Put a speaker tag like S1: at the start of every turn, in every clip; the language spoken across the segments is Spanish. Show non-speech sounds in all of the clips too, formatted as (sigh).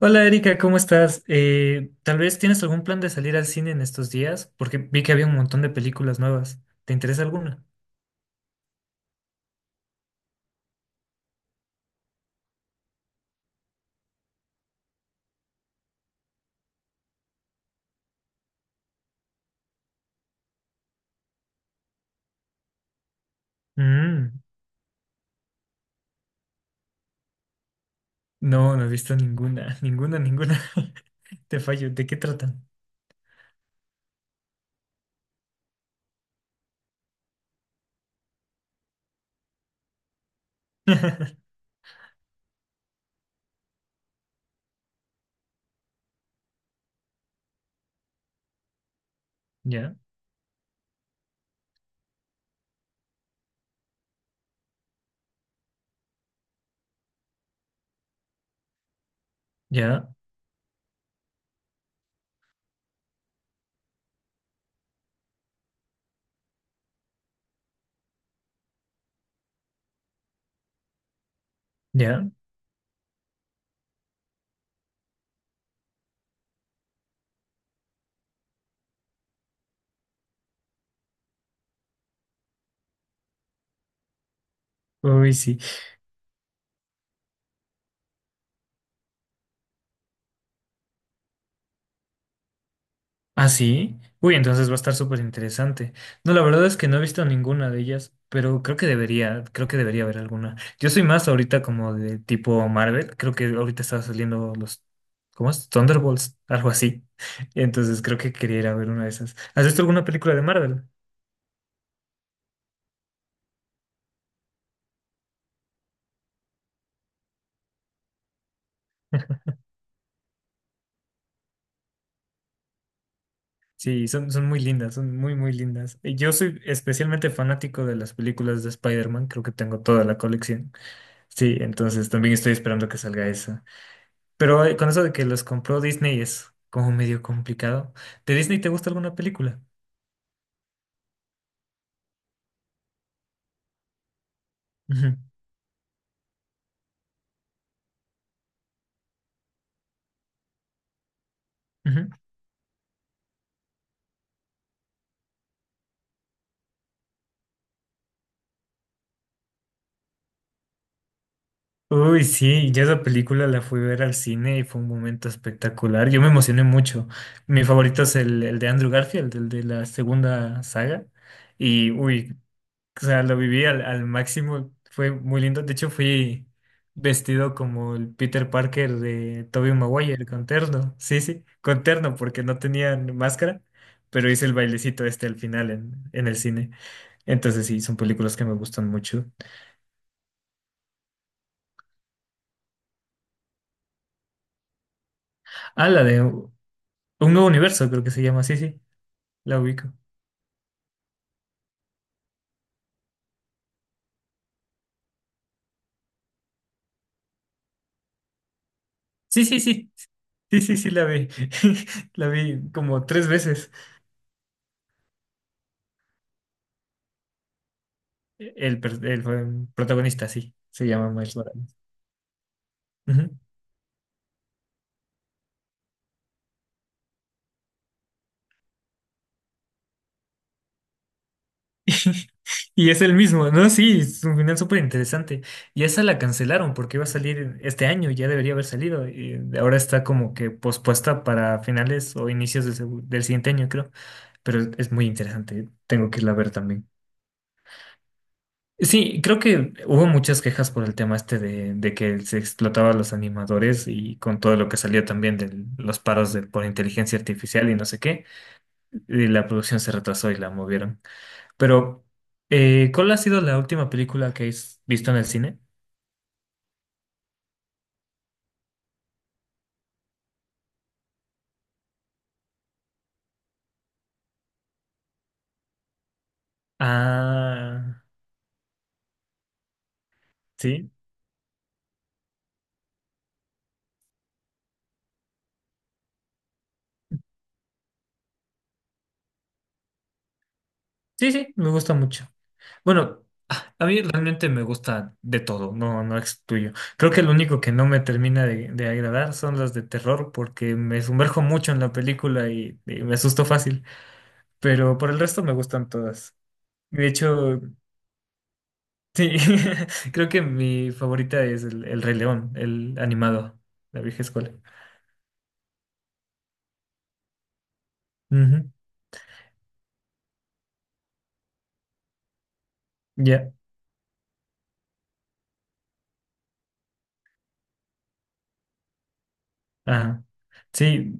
S1: Hola Erika, ¿cómo estás? Tal vez tienes algún plan de salir al cine en estos días, porque vi que había un montón de películas nuevas. ¿Te interesa alguna? Mm, no, no he visto ninguna, (laughs) ninguna, ninguna. (laughs) Te fallo, ¿de qué tratan? (laughs) Ya, ya, ya. Uy, sí. Ah, sí. Uy, entonces va a estar súper interesante. No, la verdad es que no he visto ninguna de ellas, pero creo que debería haber alguna. Yo soy más ahorita como de tipo Marvel, creo que ahorita estaba saliendo los, ¿cómo es? Thunderbolts, algo así. (laughs) Entonces creo que quería ir a ver una de esas. ¿Has visto alguna película de Marvel? Sí, son muy lindas, son muy, muy lindas. Y yo soy especialmente fanático de las películas de Spider-Man, creo que tengo toda la colección. Sí, entonces también estoy esperando que salga esa. Pero con eso de que los compró Disney es como medio complicado. ¿De Disney te gusta alguna película? Ujú, ujú. Uy, sí, yo esa película la fui a ver al cine y fue un momento espectacular. Yo me emocioné mucho. Mi favorito es el de Andrew Garfield, el de la segunda saga. Y uy, o sea, lo viví al máximo, fue muy lindo. De hecho, fui vestido como el Peter Parker de Tobey Maguire, con terno. Sí, sí, con terno, porque no tenían máscara, pero hice el bailecito este al final en el cine. Entonces, sí, son películas que me gustan mucho. Ah, la de Un Nuevo Universo, creo que se llama. Sí, sí, la ubico. Sí, sí, sí, sí, sí, sí, la vi. (laughs) La vi como tres veces. El protagonista, sí, se llama Miles Morales. Ujú. (laughs) Y es el mismo, ¿no? Sí, es un final súper interesante. Y esa la cancelaron porque iba a salir este año, ya debería haber salido. Y ahora está como que pospuesta para finales o inicios del siguiente año, creo. Pero es muy interesante, tengo que irla a ver también. Sí, creo que hubo muchas quejas por el tema este de, que se explotaba a los animadores y con todo lo que salió también de los paros de, por inteligencia artificial y no sé qué, y la producción se retrasó y la movieron. Pero, ¿cuál ha sido la última película que has visto en el cine? Ah, sí. Sí, sí, me gusta mucho. Bueno, ah, a mí realmente me gusta de todo, no, no excluyo. Creo que lo único que no me termina de agradar son las de terror, porque me sumerjo mucho en la película y me asusto fácil. Pero por el resto me gustan todas. De hecho, sí, (laughs) creo que mi favorita es el Rey León, el animado, la vieja escuela. Ujú. Ya. Ajá. Sí,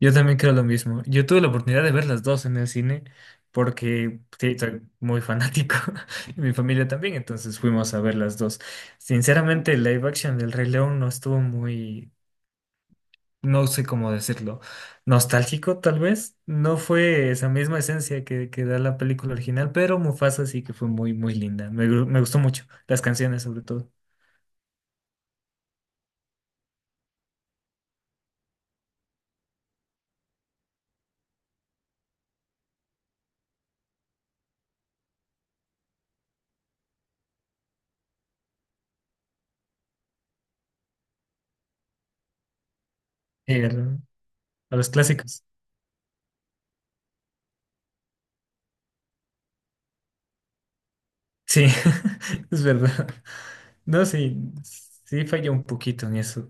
S1: yo también creo lo mismo. Yo tuve la oportunidad de ver las dos en el cine porque sí, soy muy fanático (laughs) y mi familia también, entonces fuimos a ver las dos. Sinceramente, el live action del Rey León no estuvo muy, no sé cómo decirlo, nostálgico tal vez. No fue esa misma esencia que da la película original, pero Mufasa sí que fue muy, muy linda. Me gustó mucho, las canciones sobre todo. Eh, a los clásicos. Sí, (laughs) es verdad. No, sí, sí falló un poquito en eso.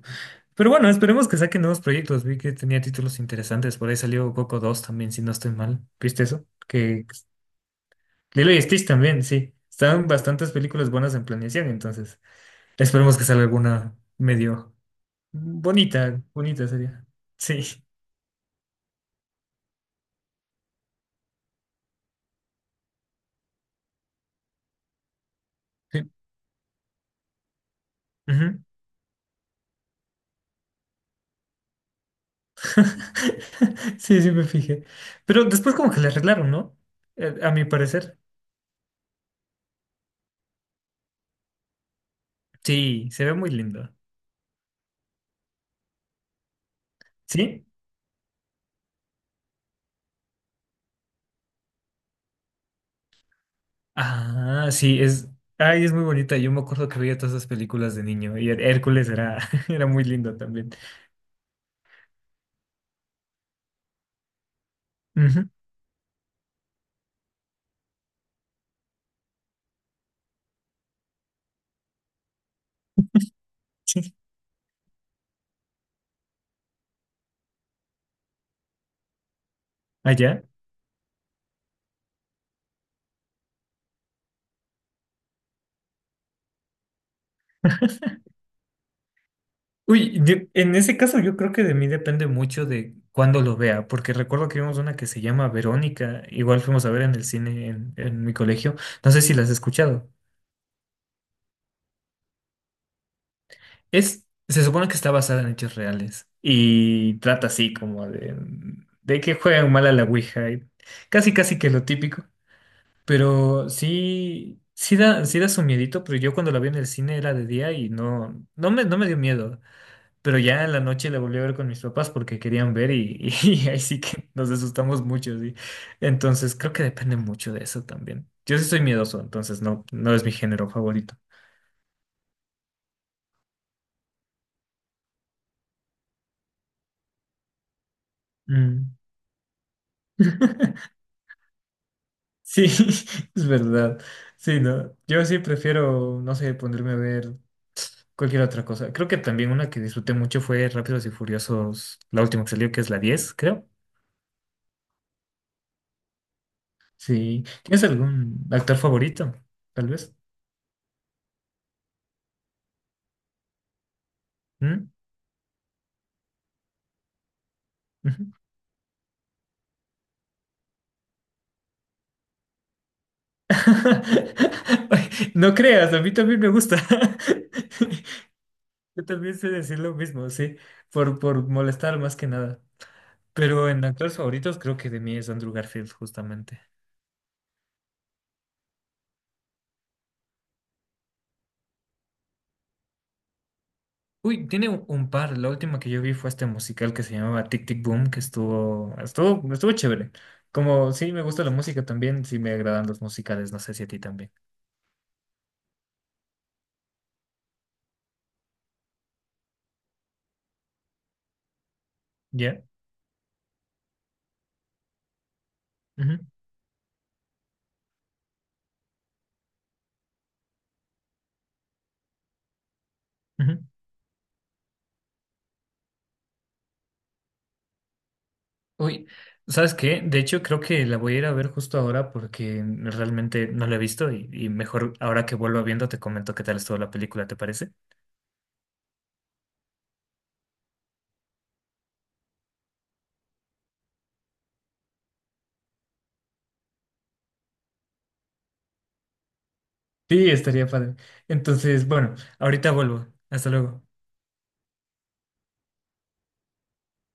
S1: Pero bueno, esperemos que saquen nuevos proyectos. Vi que tenía títulos interesantes. Por ahí salió Coco 2 también, si no estoy mal. ¿Viste eso? Que Lilo y Stitch también, sí. Estaban bastantes películas buenas en planeación, entonces esperemos que salga alguna medio bonita, bonita sería. Sí. Sí. Ujú. (laughs) Sí, sí me fijé. Pero después como que le arreglaron, ¿no? A mi parecer. Sí, se ve muy lindo. ¿Sí? Ah, sí, es, ay, es muy bonita. Yo me acuerdo que veía todas esas películas de niño y Her- Hércules era, (laughs) era muy lindo también. Ujú, sí. Allá. Uy, de- en ese caso yo creo que de mí depende mucho de cuándo lo vea, porque recuerdo que vimos una que se llama Verónica, igual fuimos a ver en el cine en mi colegio. No sé si la has escuchado. Es, se supone que está basada en hechos reales y trata así como de, que juegan mal a la Ouija y casi casi que lo típico. Pero sí, sí da, sí da su miedito, pero yo cuando la vi en el cine era de día y no, no me dio miedo. Pero ya en la noche la volví a ver con mis papás porque querían ver y, (laughs) y ahí sí que nos asustamos mucho, sí. Entonces creo que depende mucho de eso también. Yo sí soy miedoso, entonces no, no es mi género favorito. Mm. (laughs) Sí, (laughs) es verdad. Sí, no. Yo sí prefiero, no sé, ponerme a ver cualquier otra cosa. Creo que también una que disfruté mucho fue Rápidos y Furiosos, la última que salió, que es la 10 creo. Sí. ¿Tienes algún actor favorito? Tal vez. ¿Mm? Ujú. (laughs) Ay, no creas, a mí también me gusta. (laughs) Yo también sé decir lo mismo, sí, por molestar más que nada. Pero en actores favoritos creo que de mí es Andrew Garfield, justamente. Uy, tiene un par. La última que yo vi fue este musical que se llamaba Tic Tic Boom, que estuvo chévere. Como sí me gusta la música también, sí me agradan los musicales, no sé si a ti también. ¿Ya? Ujú, ujú. Uy, ¿sabes qué? De hecho, creo que la voy a ir a ver justo ahora porque realmente no la he visto y mejor ahora que vuelvo viendo te comento qué tal estuvo la película, ¿te parece? Sí, estaría padre. Entonces, bueno, ahorita vuelvo. Hasta luego.